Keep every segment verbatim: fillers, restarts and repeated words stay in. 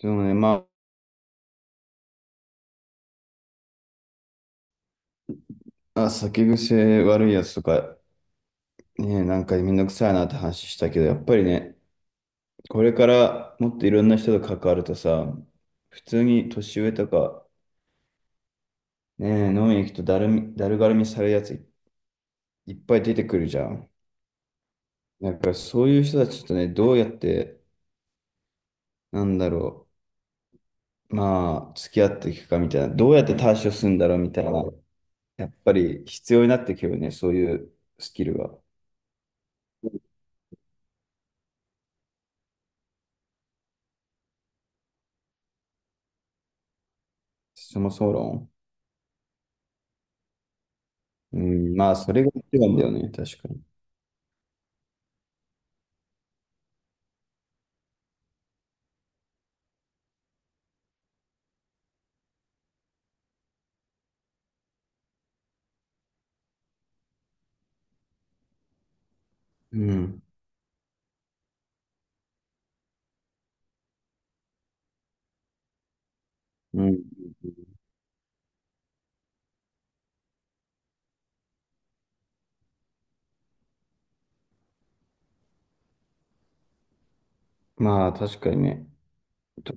でもね、まあ、酒癖悪いやつとか、ね、なんかめんどくさいなって話したけど、やっぱりね、これからもっといろんな人と関わるとさ、普通に年上とか、ね、飲みに行くとだるみ、だるがるみされるやついっぱい出てくるじゃん。だからそういう人たちとね、どうやって、なんだろう、まあ、付き合っていくかみたいな、どうやって対処するんだろうみたいな、やっぱり必要になってくるよね、そういうスキルが。そもそも論。うん、まあ、それが一番だよね、確かに。うん。うん。まあ、確かにね。と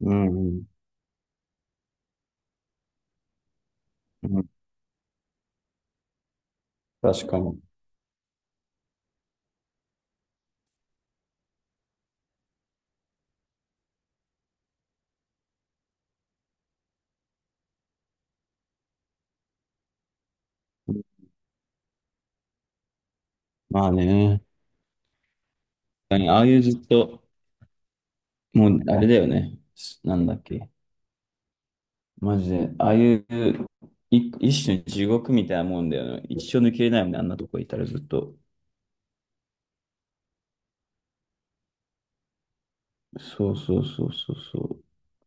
うん、うん、うん。確かに。まあね。確かにああいうずっと、もう、あれだよね。なんだっけ。マジで。ああいう、い一種の地獄みたいなもんだよね。一生抜けれないもんね、あんなとこいたらずっと。そうそうそうそうそう。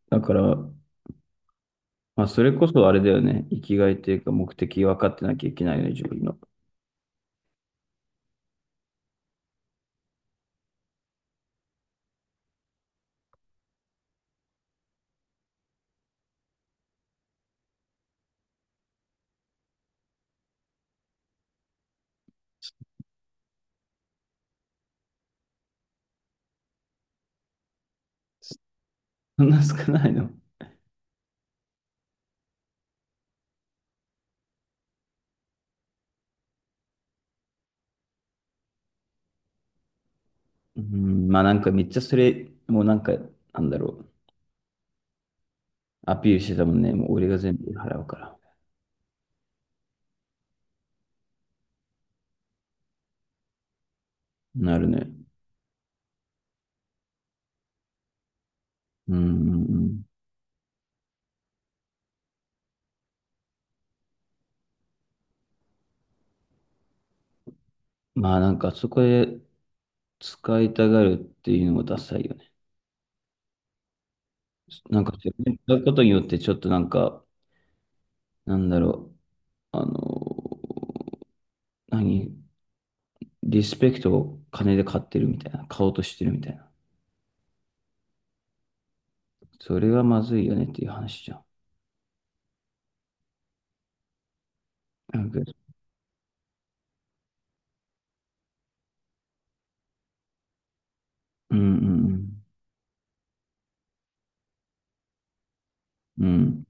だから、まあ、それこそあれだよね。生きがいというか、目的分かってなきゃいけないよね、自分の。そんな少ないの？うん、まあなんかめっちゃそれ、もうなんか、なんだろう。アピールしてたもんね。もう俺が全部払うから。なるね。うんうんうん。まあなんかそこで使いたがるっていうのもダサいよね。なんかそれ使うことによってちょっとなんか、なんだろう。あのー何リスペクトを金で買ってるみたいな。買おうとしてるみたいな。それはまずいよねっていう話じゃん。なんかうんうんうん。うん。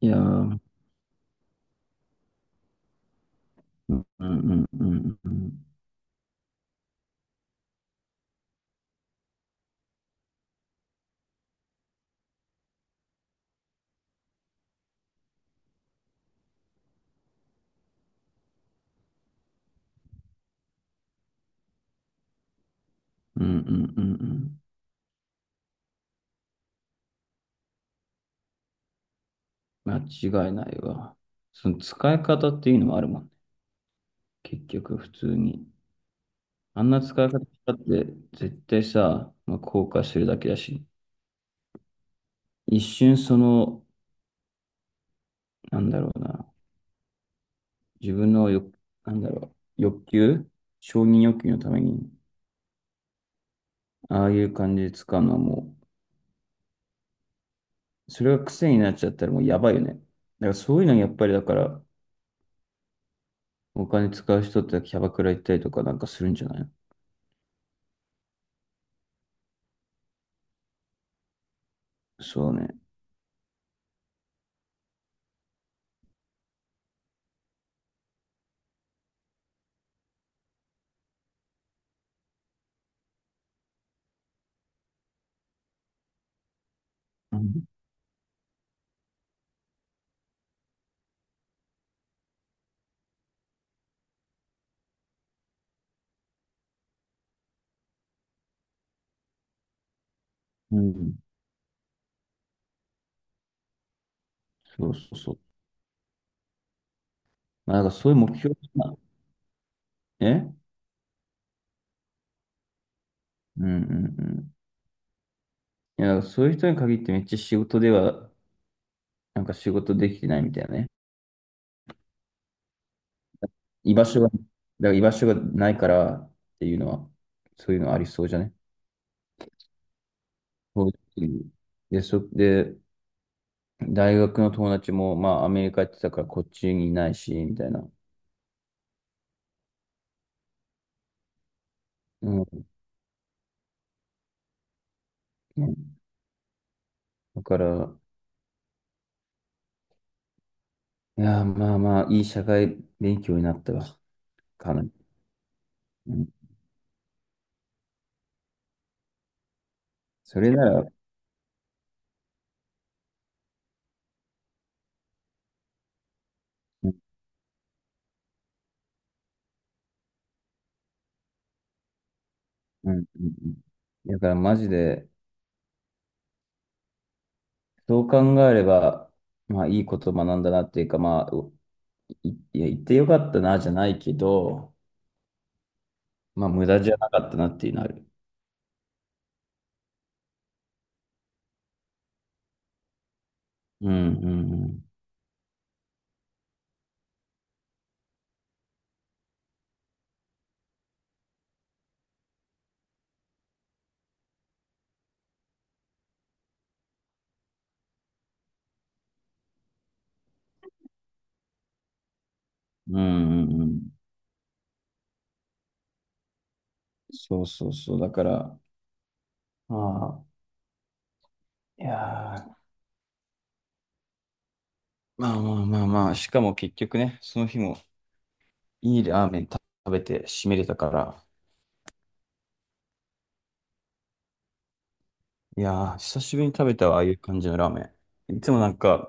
いやー、うんうんうんうんうん。うんうんうんうん。間違いないわ。その使い方っていうのもあるもんね。結局、普通に。あんな使い方だって絶対さ、まあ、後悔するだけだし、一瞬その、なんだろうな、自分の欲、なんだろう、欲求承認欲求のために、ああいう感じで使うのはもう、それが癖になっちゃったらもうやばいよね。だからそういうのやっぱりだから、お金使う人ってキャバクラ行ったりとかなんかするんじゃない？そうね。うん、うんそうそうそう。まあなんかそういう目標が、えうんうんうん。いや、そういう人に限ってめっちゃ仕事では、なんか仕事できてないみたいなね。居場所が、だから居場所がないからっていうのは、そういうのありそうじゃね。そういうで、そ、で、大学の友達も、まあ、アメリカ行ってたからこっちにいないし、みたいな。うん。だから、いや、まあまあ、いい社会勉強になったわ。かなり。うん。それなら、うん、うん、うん。うん。だからマジで、そう考えれば、まあ、いいこと学んだなっていうか、まあ、い、いや、言ってよかったな、じゃないけど、まあ、無駄じゃなかったなっていうのある。うん、うん、うん。うん、うん、うん。そうそうそう。だから、まあ、いやーまあまあまあまあ、しかも結局ね、その日もいいラーメン食べて締めれたから、いやー、久しぶりに食べたわ、ああいう感じのラーメン。いつもなんか、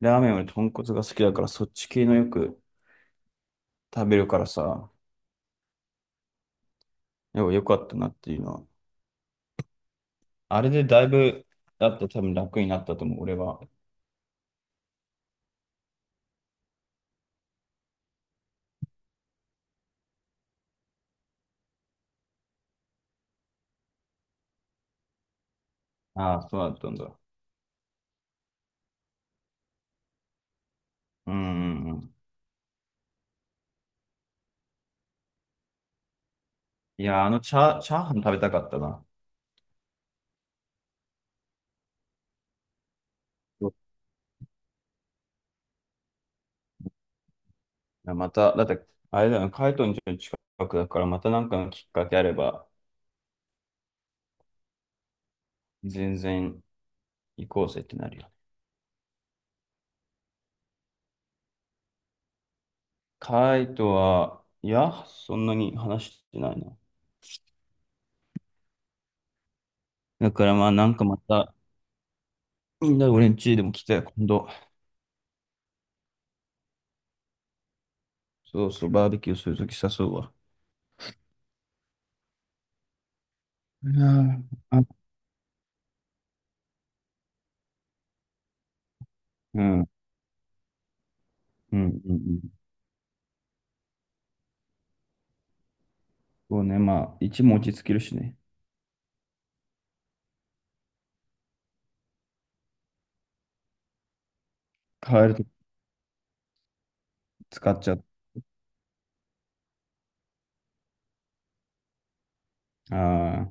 ラーメンより豚骨が好きだから、そっち系のよく食べるからさ、よよかったなっていうのはあれでだいぶ、だって多分楽になったと思う、俺は。ああ、そうだったんだ。うんうんうん。いや、あのチャー、チャーハン食べたかったな。そういやまた、だって、あれだよねカイトの家の近くだから、またなんかのきっかけあれば、全然行こうぜってなるよね。カイトは、いや、そんなに話してないな。だからまあ、なんかまた、みんな俺ん家でも来て、今度、そうそう、バーベキューするとき誘うわ。うん、あうん、うん、うん。うん。そうね、まあ、一も落ち着けるしね。変えると使っちゃう。ああ、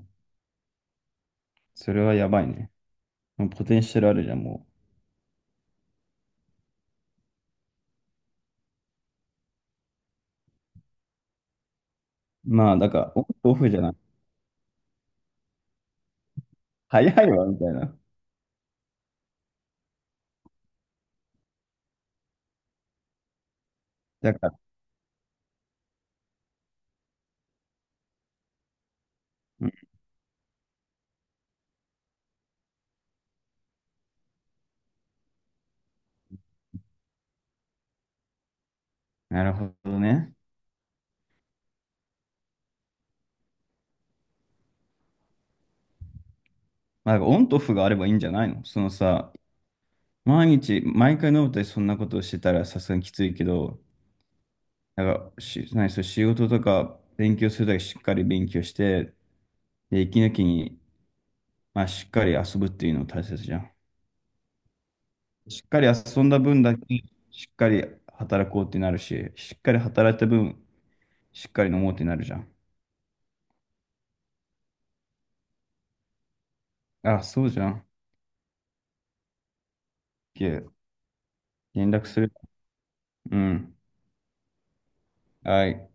それはやばいね。もうポテンシャルあるじゃん、もう。まあ、だから、オンとオフじゃない。早いわ、みたいな。だから、うん、なるほどね。まあ、だからオンとオフがあればいいんじゃないのそのさ、毎日、毎回飲むとそんなことをしてたらさすがにきついけど、なんか、し、何、そう、仕事とか勉強するだけしっかり勉強して、で、息抜きに、まあ、しっかり遊ぶっていうの大切じゃん。しっかり遊んだ分だけ、しっかり働こうってなるし、しっかり働いた分、しっかり飲もうってなるじゃん。あ、そうじゃん。オッケー、連絡する。うん。はい。